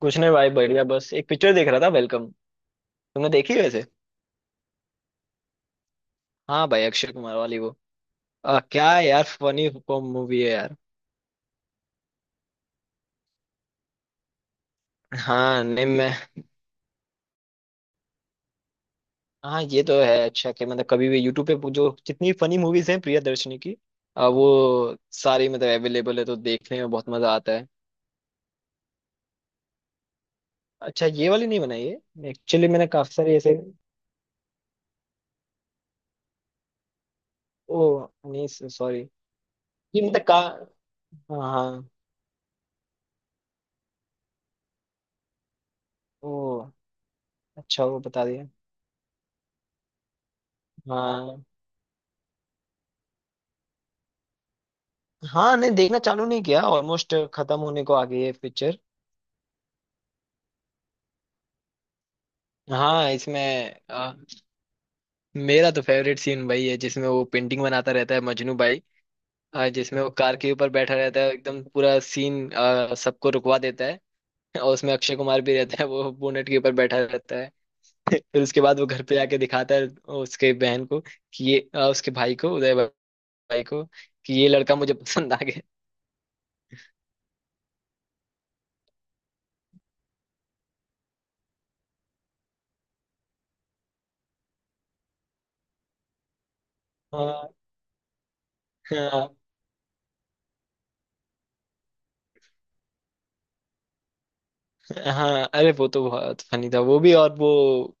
कुछ नहीं भाई, बढ़िया। बस एक पिक्चर देख रहा था, वेलकम। तुमने देखी वैसे? हाँ भाई, अक्षय कुमार वाली वो। क्या यार, फनी मूवी है यार। हाँ नहीं मैं, हाँ ये तो है अच्छा कि मतलब कभी भी यूट्यूब पे जो जितनी फनी मूवीज हैं प्रियदर्शनी की, वो सारी मतलब अवेलेबल है तो देखने में बहुत मजा आता है। अच्छा, ये वाली नहीं बनाई है एक्चुअली। मैंने काफी सारी ऐसे, ओ नहीं सॉरी, ये मतलब का, हाँ हाँ। ओ अच्छा, वो बता दिया। हाँ, हाँ नहीं, देखना चालू नहीं किया, ऑलमोस्ट खत्म होने को आ गई है पिक्चर। हाँ इसमें मेरा तो फेवरेट सीन वही है जिसमें वो पेंटिंग बनाता रहता है, मजनू भाई। जिसमें वो कार के ऊपर बैठा रहता है, एकदम पूरा सीन सबको रुकवा देता है। और उसमें अक्षय कुमार भी रहता है, वो बोनेट के ऊपर बैठा रहता है। फिर उसके बाद वो घर पे आके दिखाता है उसके बहन को कि ये उसके भाई को, उदय भाई को, कि ये लड़का मुझे पसंद आ गया। हाँ हाँ। हाँ, अरे वो तो बहुत फनी था वो भी। और वो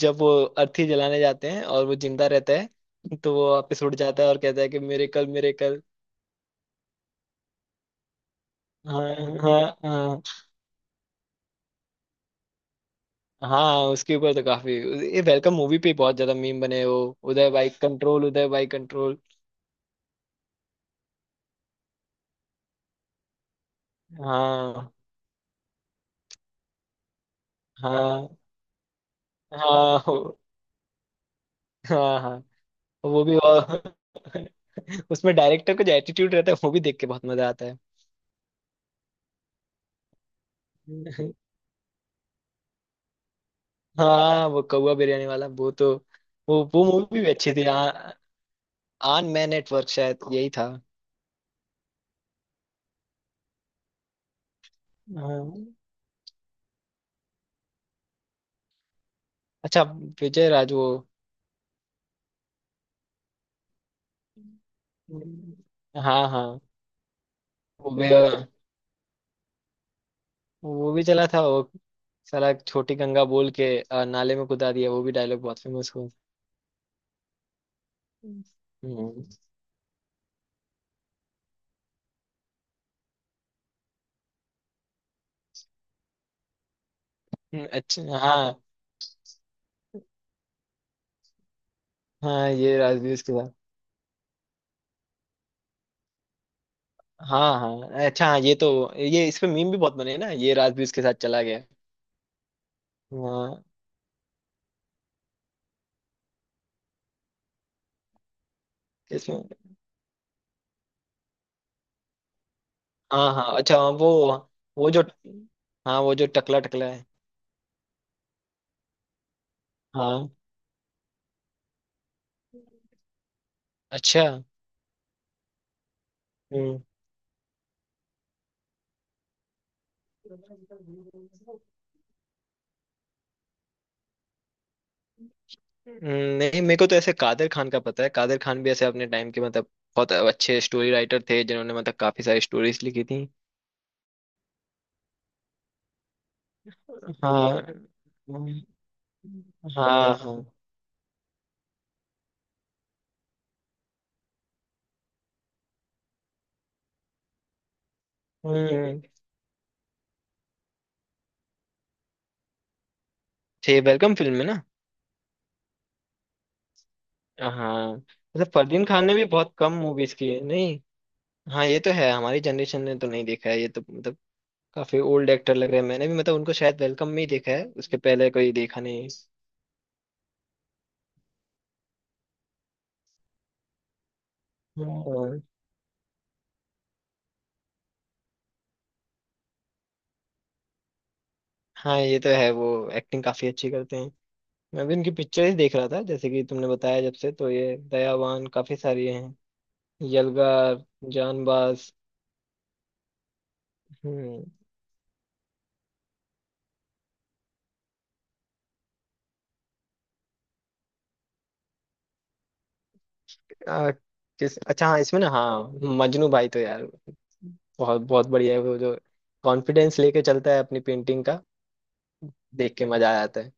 जब वो अर्थी जलाने जाते हैं और वो जिंदा रहता है तो वो वापस उड़ जाता है और कहता है कि मेरे कल, मेरे कल। हाँ हाँ। हाँ, हाँ उसके ऊपर तो काफी, ये वेलकम मूवी पे बहुत ज्यादा मीम बने हैं, वो उदय भाई कंट्रोल, उदय भाई कंट्रोल। हाँ हाँ। हाँ हो- हाँ हाँ। वो भी। और उसमें डायरेक्टर का जो एटीट्यूड रहता है वो भी देख के बहुत मजा आता है। हाँ वो कौवा बिरयानी वाला, वो तो, वो मूवी भी अच्छी थी। आन मैं नेटवर्क शायद यही था। हाँ, अच्छा, विजय राज वो, हाँ हाँ। वो भी चला था वो, साला छोटी गंगा बोल के नाले में कूदा दिया, वो भी डायलॉग बहुत फेमस हुआ। हम्म। अच्छा हाँ, हाँ ये राजवीर के साथ। हाँ हाँ अच्छा, हाँ ये तो, ये इस पे मीम भी बहुत बने ना, ये राजवीर के साथ चला गया। हाँ इसमें। हाँ हाँ अच्छा, हाँ वो जो, हाँ वो जो टकला, टकला है। हाँ, अच्छा। हम्म। नहीं मेरे को तो ऐसे कादर खान का पता है। कादर खान भी ऐसे अपने टाइम के मतलब बहुत अच्छे स्टोरी राइटर थे, जिन्होंने मतलब काफी सारी स्टोरीज लिखी थी। हाँ। हाँ। हाँ। हम्म। थे वेलकम फिल्म में ना? हाँ मतलब फरदीन खान ने भी बहुत कम मूवीज की है नहीं? हाँ ये तो है, हमारी जनरेशन ने तो नहीं देखा है, ये तो मतलब काफी ओल्ड एक्टर लग रहे हैं। मैंने भी मतलब उनको शायद वेलकम में ही देखा है, उसके पहले कोई देखा नहीं। हम्म। और हाँ ये तो है, वो एक्टिंग काफी अच्छी करते हैं। मैं भी उनकी पिक्चर ही देख रहा था जैसे कि तुमने बताया जब से, तो ये दयावान, काफी सारी हैं, यलगार, जानबाज। हम्म। आ, किस, अच्छा हाँ इसमें ना, हाँ मजनू भाई तो यार बहुत बहुत बढ़िया है। वो जो कॉन्फिडेंस लेके चलता है अपनी पेंटिंग का, देख के मजा आ जाता है।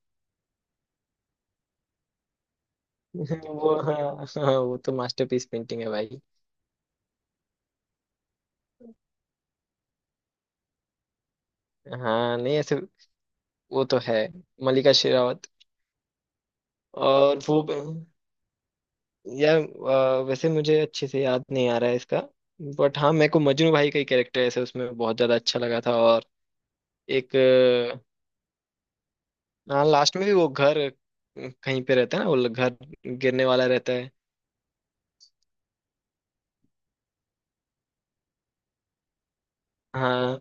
वो, हाँ हाँ वो तो मास्टरपीस पेंटिंग है भाई। हाँ नहीं ऐसे, वो तो है। मलिका शेरावत और वो, यार वैसे मुझे अच्छे से याद नहीं आ रहा है इसका। बट हाँ, मेरे को मजनू भाई का ही कैरेक्टर ऐसे उसमें बहुत ज्यादा अच्छा लगा था। और एक हाँ लास्ट में भी वो घर कहीं पे रहता है ना, वो घर गिरने वाला रहता है। हाँ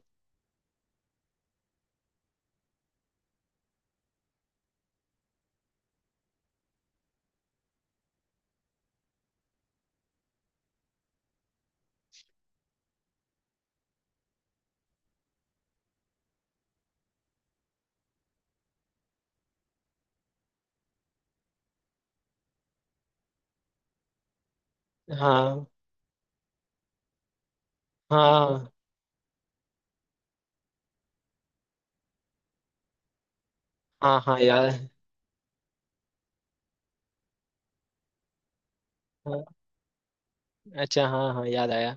हाँ। हाँ हाँ। हाँ याद, हाँ, अच्छा हाँ हाँ याद आया।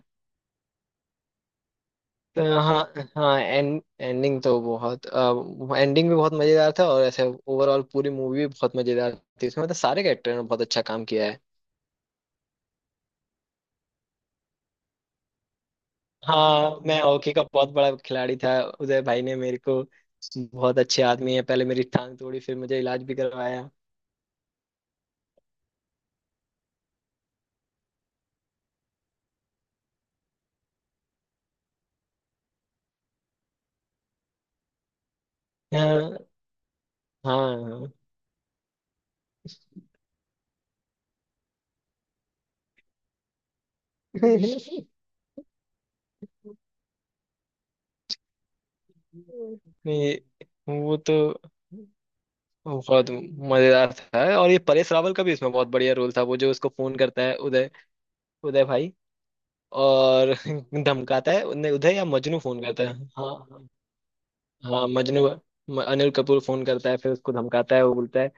तो हाँ, हाँ एंड, एंडिंग तो बहुत, एंडिंग भी बहुत मजेदार था। और ऐसे ओवरऑल पूरी मूवी भी बहुत मजेदार थी, उसमें मतलब सारे कैरेक्टर ने बहुत अच्छा काम किया है। हाँ, मैं हॉकी का बहुत बड़ा खिलाड़ी था, उदय भाई ने मेरे को, बहुत अच्छे आदमी है, पहले मेरी टांग तोड़ी फिर मुझे इलाज भी करवाया। हाँ हाँ। वो तो बहुत मजेदार था। और ये परेश रावल का भी इसमें बहुत बढ़िया रोल था, वो जो उसको फोन करता है उदय, उदय भाई। और धमकाता है, नहीं उदय या मजनू फोन करता है, हाँ हाँ। हाँ, मजनू, अनिल कपूर फोन करता है, फिर उसको धमकाता है। वो बोलता है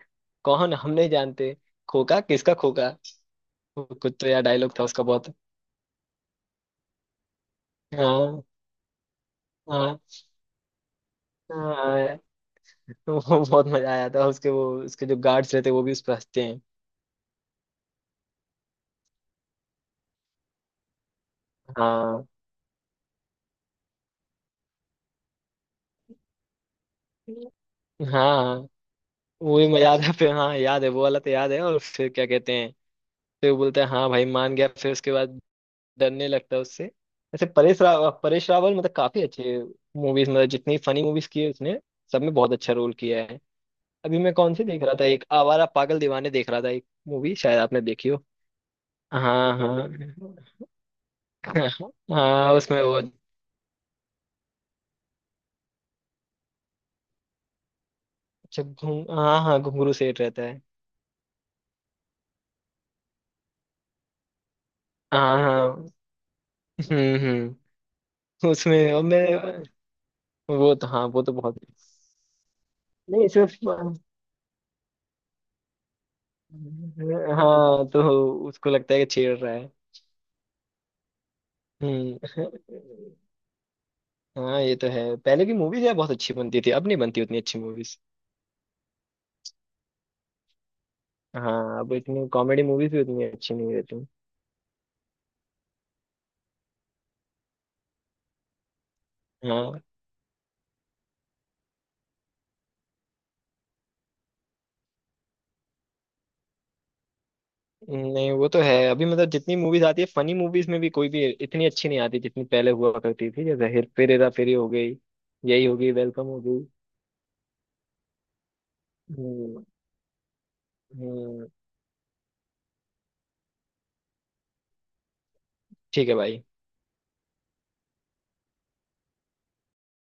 कौन, हम नहीं जानते, खोका किसका खोका। कुछ तो यार डायलॉग था उसका बहुत। हाँ हाँ। हाँ। वो बहुत मजा आया था उसके, वो उसके जो गार्ड्स रहते हैं वो भी उस पर हंसते हैं। हाँ हाँ। वो भी मजा आता है फिर। हाँ याद है, वो वाला तो याद है। और फिर क्या कहते हैं, फिर बोलते हैं हाँ भाई मान गया, फिर उसके बाद डरने लगता है उससे। वैसे परेश रावल, परेश रावल मतलब काफी अच्छे मूवीज, मतलब जितनी फनी मूवीज की है उसने, सब में बहुत अच्छा रोल किया है। अभी मैं कौन सी देख रहा था, एक आवारा पागल दीवाने देख रहा था एक मूवी, शायद आपने देखी हो। हाँ हाँ। हाँ उसमें वो जब घूम, हाँ हाँ घुंगरू सेठ रहता है। हाँ हाँ। हम्म। उसमें और मैं, वो तो हाँ वो तो बहुत, नहीं सिर्फ, हाँ तो उसको लगता है कि छेड़ रहा है। हम्म। हाँ ये तो है, पहले की मूवीज यार बहुत अच्छी बनती थी, अब नहीं बनती उतनी अच्छी मूवीज। हाँ अब इतनी कॉमेडी मूवीज भी उतनी अच्छी नहीं रहती। हाँ नहीं वो तो है, अभी मतलब जितनी मूवीज आती है फनी मूवीज में, भी कोई भी इतनी अच्छी नहीं आती जितनी पहले हुआ करती थी। जैसे हेर फेर, हेरा फेरी हो गई, यही हो गई, वेलकम हो गई। हम्म। हम्म, ठीक है भाई।